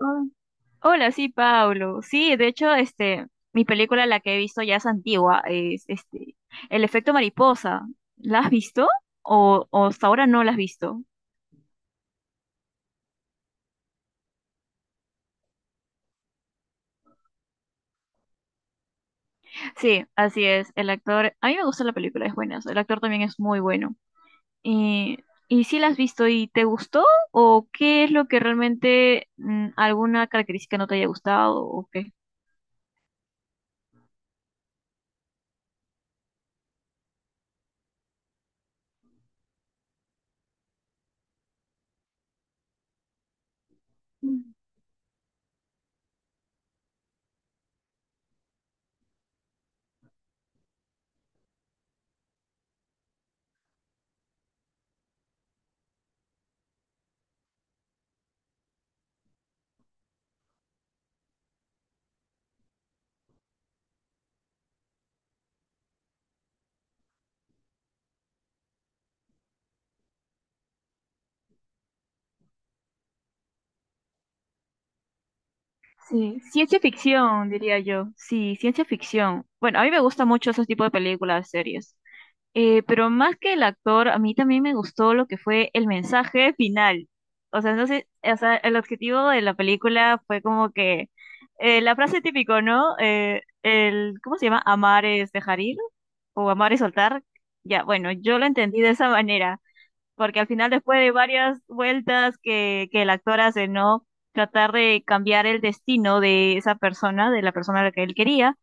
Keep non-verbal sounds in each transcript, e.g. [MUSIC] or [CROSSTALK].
Ah, Hola, sí, Pablo. Sí, de hecho, mi película, la que he visto ya es antigua, es El efecto mariposa. ¿La has visto? O hasta ahora no la has visto. Sí, así es. El actor, a mí me gusta la película, es buena. El actor también es muy bueno. Y, y sí la has visto y ¿te gustó? ¿O qué es lo que realmente alguna característica no te haya gustado o qué? Mm. Sí, ciencia ficción, diría yo. Sí, ciencia ficción. Bueno, a mí me gusta mucho ese tipo de películas, series. Pero más que el actor, a mí también me gustó lo que fue el mensaje final. O sea, o sea, el objetivo de la película fue como que la frase típico, ¿no? El, ¿cómo se llama? Amar es dejar ir o amar es soltar. Ya, bueno, yo lo entendí de esa manera, porque al final después de varias vueltas que el actor hace, ¿no? Tratar de cambiar el destino de esa persona, de la persona a la que él quería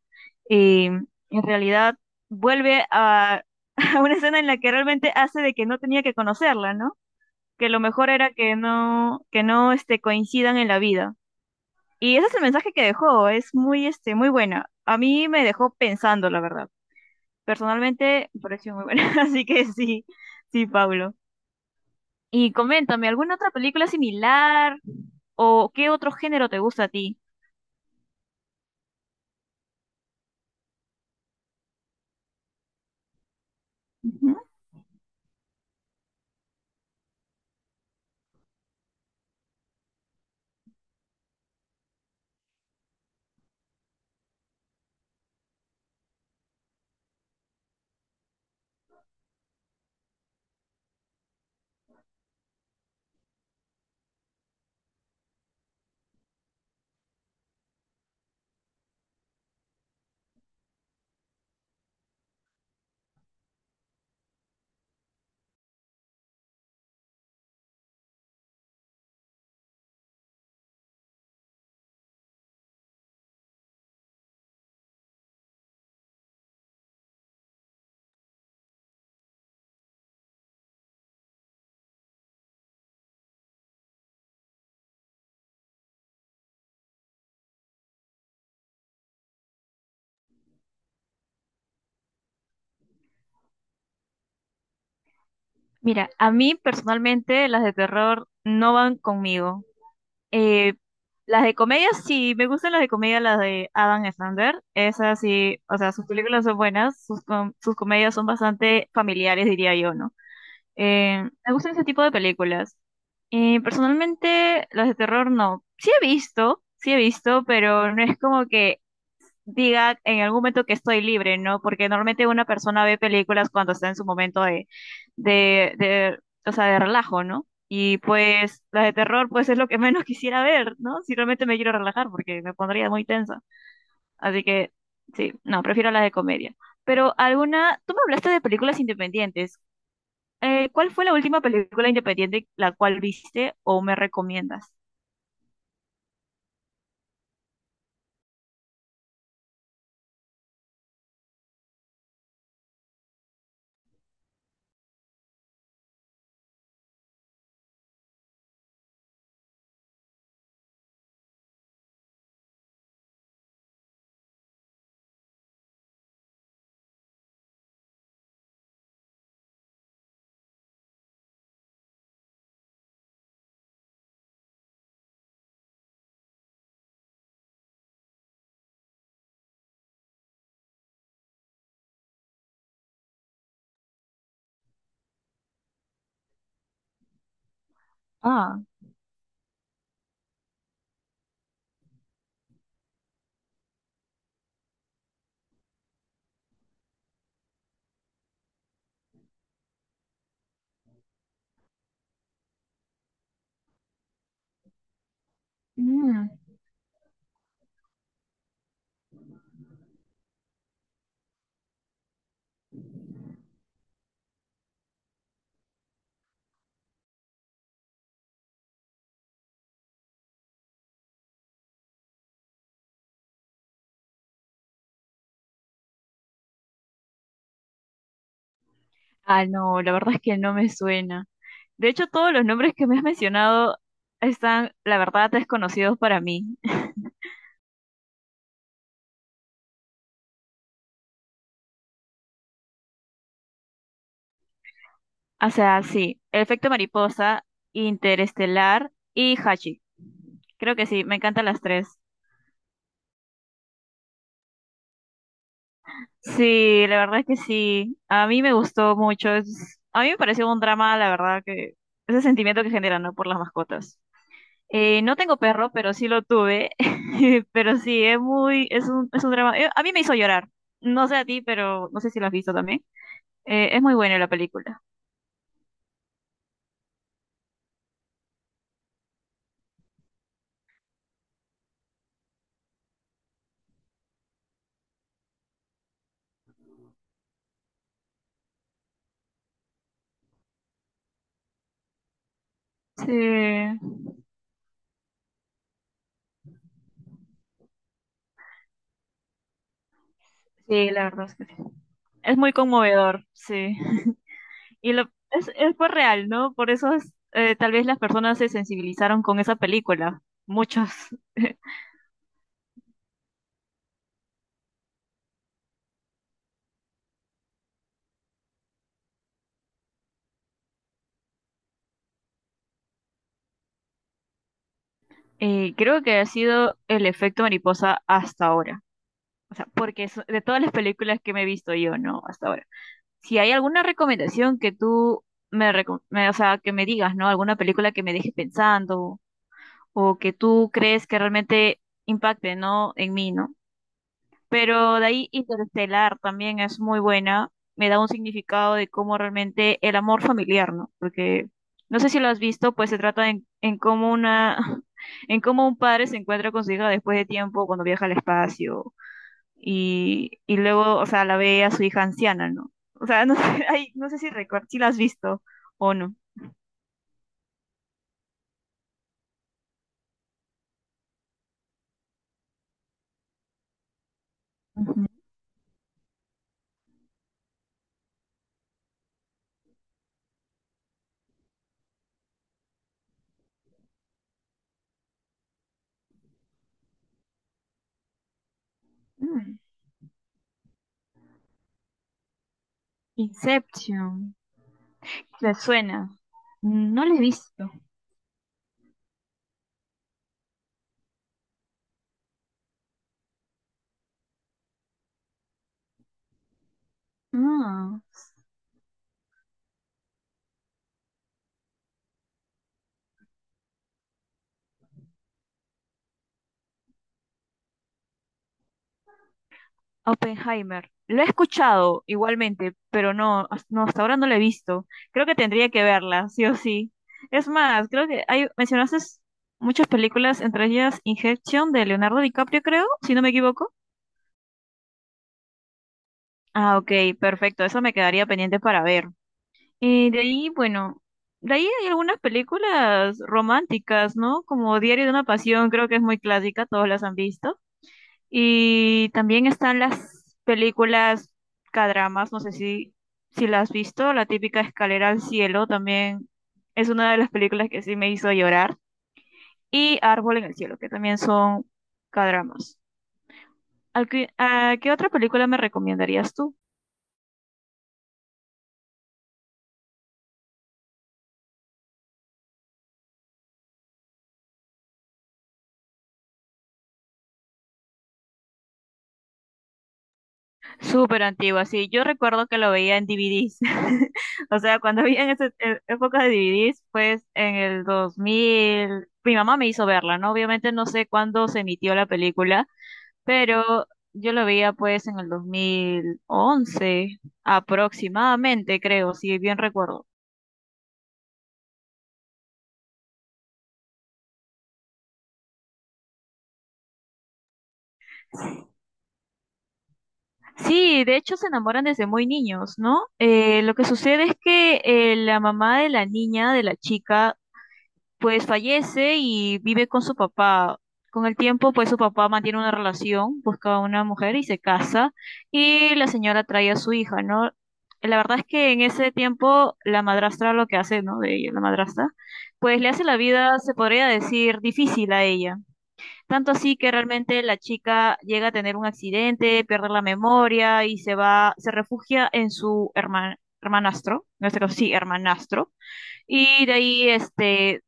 y en realidad vuelve a, [LAUGHS] a una escena en la que realmente hace de que no tenía que conocerla, ¿no? Que lo mejor era que no coincidan en la vida. Y ese es el mensaje que dejó, es muy buena. A mí me dejó pensando, la verdad. Personalmente me pareció muy buena, [LAUGHS] así que sí, Pablo. Y coméntame, ¿alguna otra película similar o qué otro género te gusta a ti? Ujú. Mira, a mí personalmente las de terror no van conmigo. Eh, las de comedia, sí, me gustan las de comedia, las de Adam Sandler. Esas sí, o sea, sus películas son buenas, sus comedias son bastante familiares, diría yo, ¿no? Me gustan ese tipo de películas. Personalmente, las de terror no. Sí he visto, pero no es como que diga en algún momento que estoy libre, ¿no? Porque normalmente una persona ve películas cuando está en su momento de, de, o sea, de relajo, ¿no? Y pues las de terror, pues es lo que [LAUGHS] menos quisiera ver, ¿no? Si realmente me quiero relajar, porque me pondría muy tensa. Así que, sí, no, prefiero las de comedia. Pero alguna, tú me hablaste de películas independientes. ¿Cuál fue la última película independiente la cual viste o me recomiendas? Ah, mm. Ah, no, la verdad es que no me suena. De hecho, todos los nombres que me has mencionado están, la verdad, desconocidos para mí. O sea, sí, El efecto mariposa, Interestelar y Hachi. Creo que sí, me encantan las tres. Sí, la verdad es que sí. A mí me gustó mucho. A mí me pareció un drama, la verdad, que ese sentimiento que generan, ¿no? Por las mascotas. No tengo perro, pero sí lo tuve. [LAUGHS] Pero sí, es un drama. A mí me hizo llorar. No sé a ti, pero no sé si lo has visto también. Es muy buena la película. Sí, sí, la verdad es que sí. Es muy conmovedor, sí. Y lo, es pues real, ¿no? Por eso es, tal vez las personas se sensibilizaron con esa película, muchas. Creo que ha sido el efecto mariposa hasta ahora. O sea, porque es de todas las películas que me he visto yo, ¿no? Hasta ahora. Si hay alguna recomendación que tú o sea, que me digas, ¿no? Alguna película que me deje pensando o que tú crees que realmente impacte, ¿no? En mí, ¿no? Pero de ahí Interestelar también es muy buena. Me da un significado de cómo realmente el amor familiar, ¿no? Porque no sé si lo has visto, pues se trata en cómo una, [LAUGHS] en cómo un padre se encuentra con su hija después de tiempo cuando viaja al espacio y luego, o sea, la ve a su hija anciana, ¿no? O sea, no sé, [LAUGHS] ay, no sé si recuerdas, si la has visto o no. Ujú. Mm, Inception, ¿te suena? No la he visto. Ah. Oppenheimer. Lo he escuchado igualmente, pero no, hasta ahora no lo he visto. Creo que tendría que verla, sí o sí. Es más, creo que hay, mencionaste muchas películas, entre ellas Injection de Leonardo DiCaprio, creo, si no me equivoco. Ah, ok, perfecto, eso me quedaría pendiente para ver. Y de ahí, bueno, de ahí hay algunas películas románticas, ¿no? Como Diario de una Pasión, creo que es muy clásica, todos las han visto. Y también están las películas K-dramas, no sé si las has visto, la típica Escalera al Cielo también es una de las películas que sí me hizo llorar. Y Árbol en el Cielo, que también son K-dramas. A qué otra película me recomendarías tú? Súper antigua, sí. Yo recuerdo que lo veía en DVDs. [LAUGHS] O sea, cuando había en esa época de DVDs, pues en el 2000 mi mamá me hizo verla, ¿no? Obviamente no sé cuándo se emitió la película, pero yo lo veía pues en el 2011 aproximadamente, creo, si bien recuerdo. Sí, de hecho se enamoran desde muy niños, ¿no? Lo que sucede es que la mamá de la niña, de la chica, pues fallece y vive con su papá. Con el tiempo, pues su papá mantiene una relación, busca a una mujer y se casa, y la señora trae a su hija, ¿no? La verdad es que en ese tiempo la madrastra lo que hace, ¿no? De ella, la madrastra, pues le hace la vida, se podría decir, difícil a ella. Tanto así que realmente la chica llega a tener un accidente, pierde la memoria y se va, se refugia en su hermanastro, en este caso sí, hermanastro, y de ahí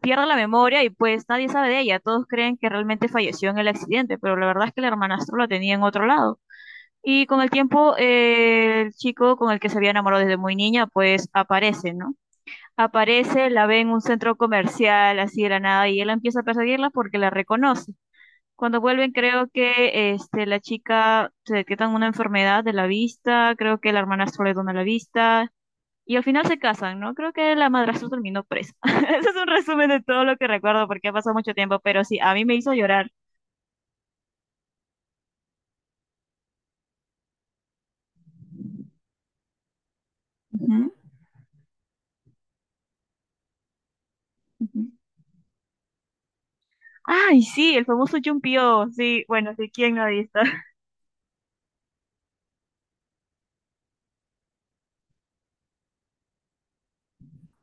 pierde la memoria y pues nadie sabe de ella. Todos creen que realmente falleció en el accidente, pero la verdad es que el hermanastro la tenía en otro lado. Y con el tiempo, el chico con el que se había enamorado desde muy niña, pues aparece, ¿no? Aparece, la ve en un centro comercial, así de la nada, y él empieza a perseguirla porque la reconoce. Cuando vuelven, creo que este, la chica se detecta una enfermedad de la vista, creo que el hermanastro le dona la vista, y al final se casan, ¿no? Creo que la madrastra terminó presa. [LAUGHS] Ese es un resumen de todo lo que recuerdo porque ha pasado mucho tiempo, pero sí, a mí me hizo llorar. Ujú, ujú. Ay, sí, el famoso Jumpio. Sí, bueno, sí, ¿quién no ha visto? [LAUGHS]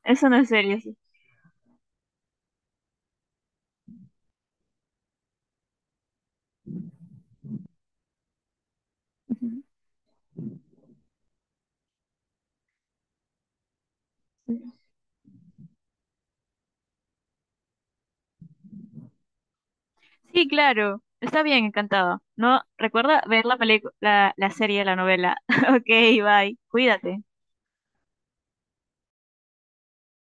Es una serie, sí. Ujú. Sí, claro. Está bien, encantado. No, recuerda ver la película, la serie, la novela. [LAUGHS] Ok, bye. Cuídate.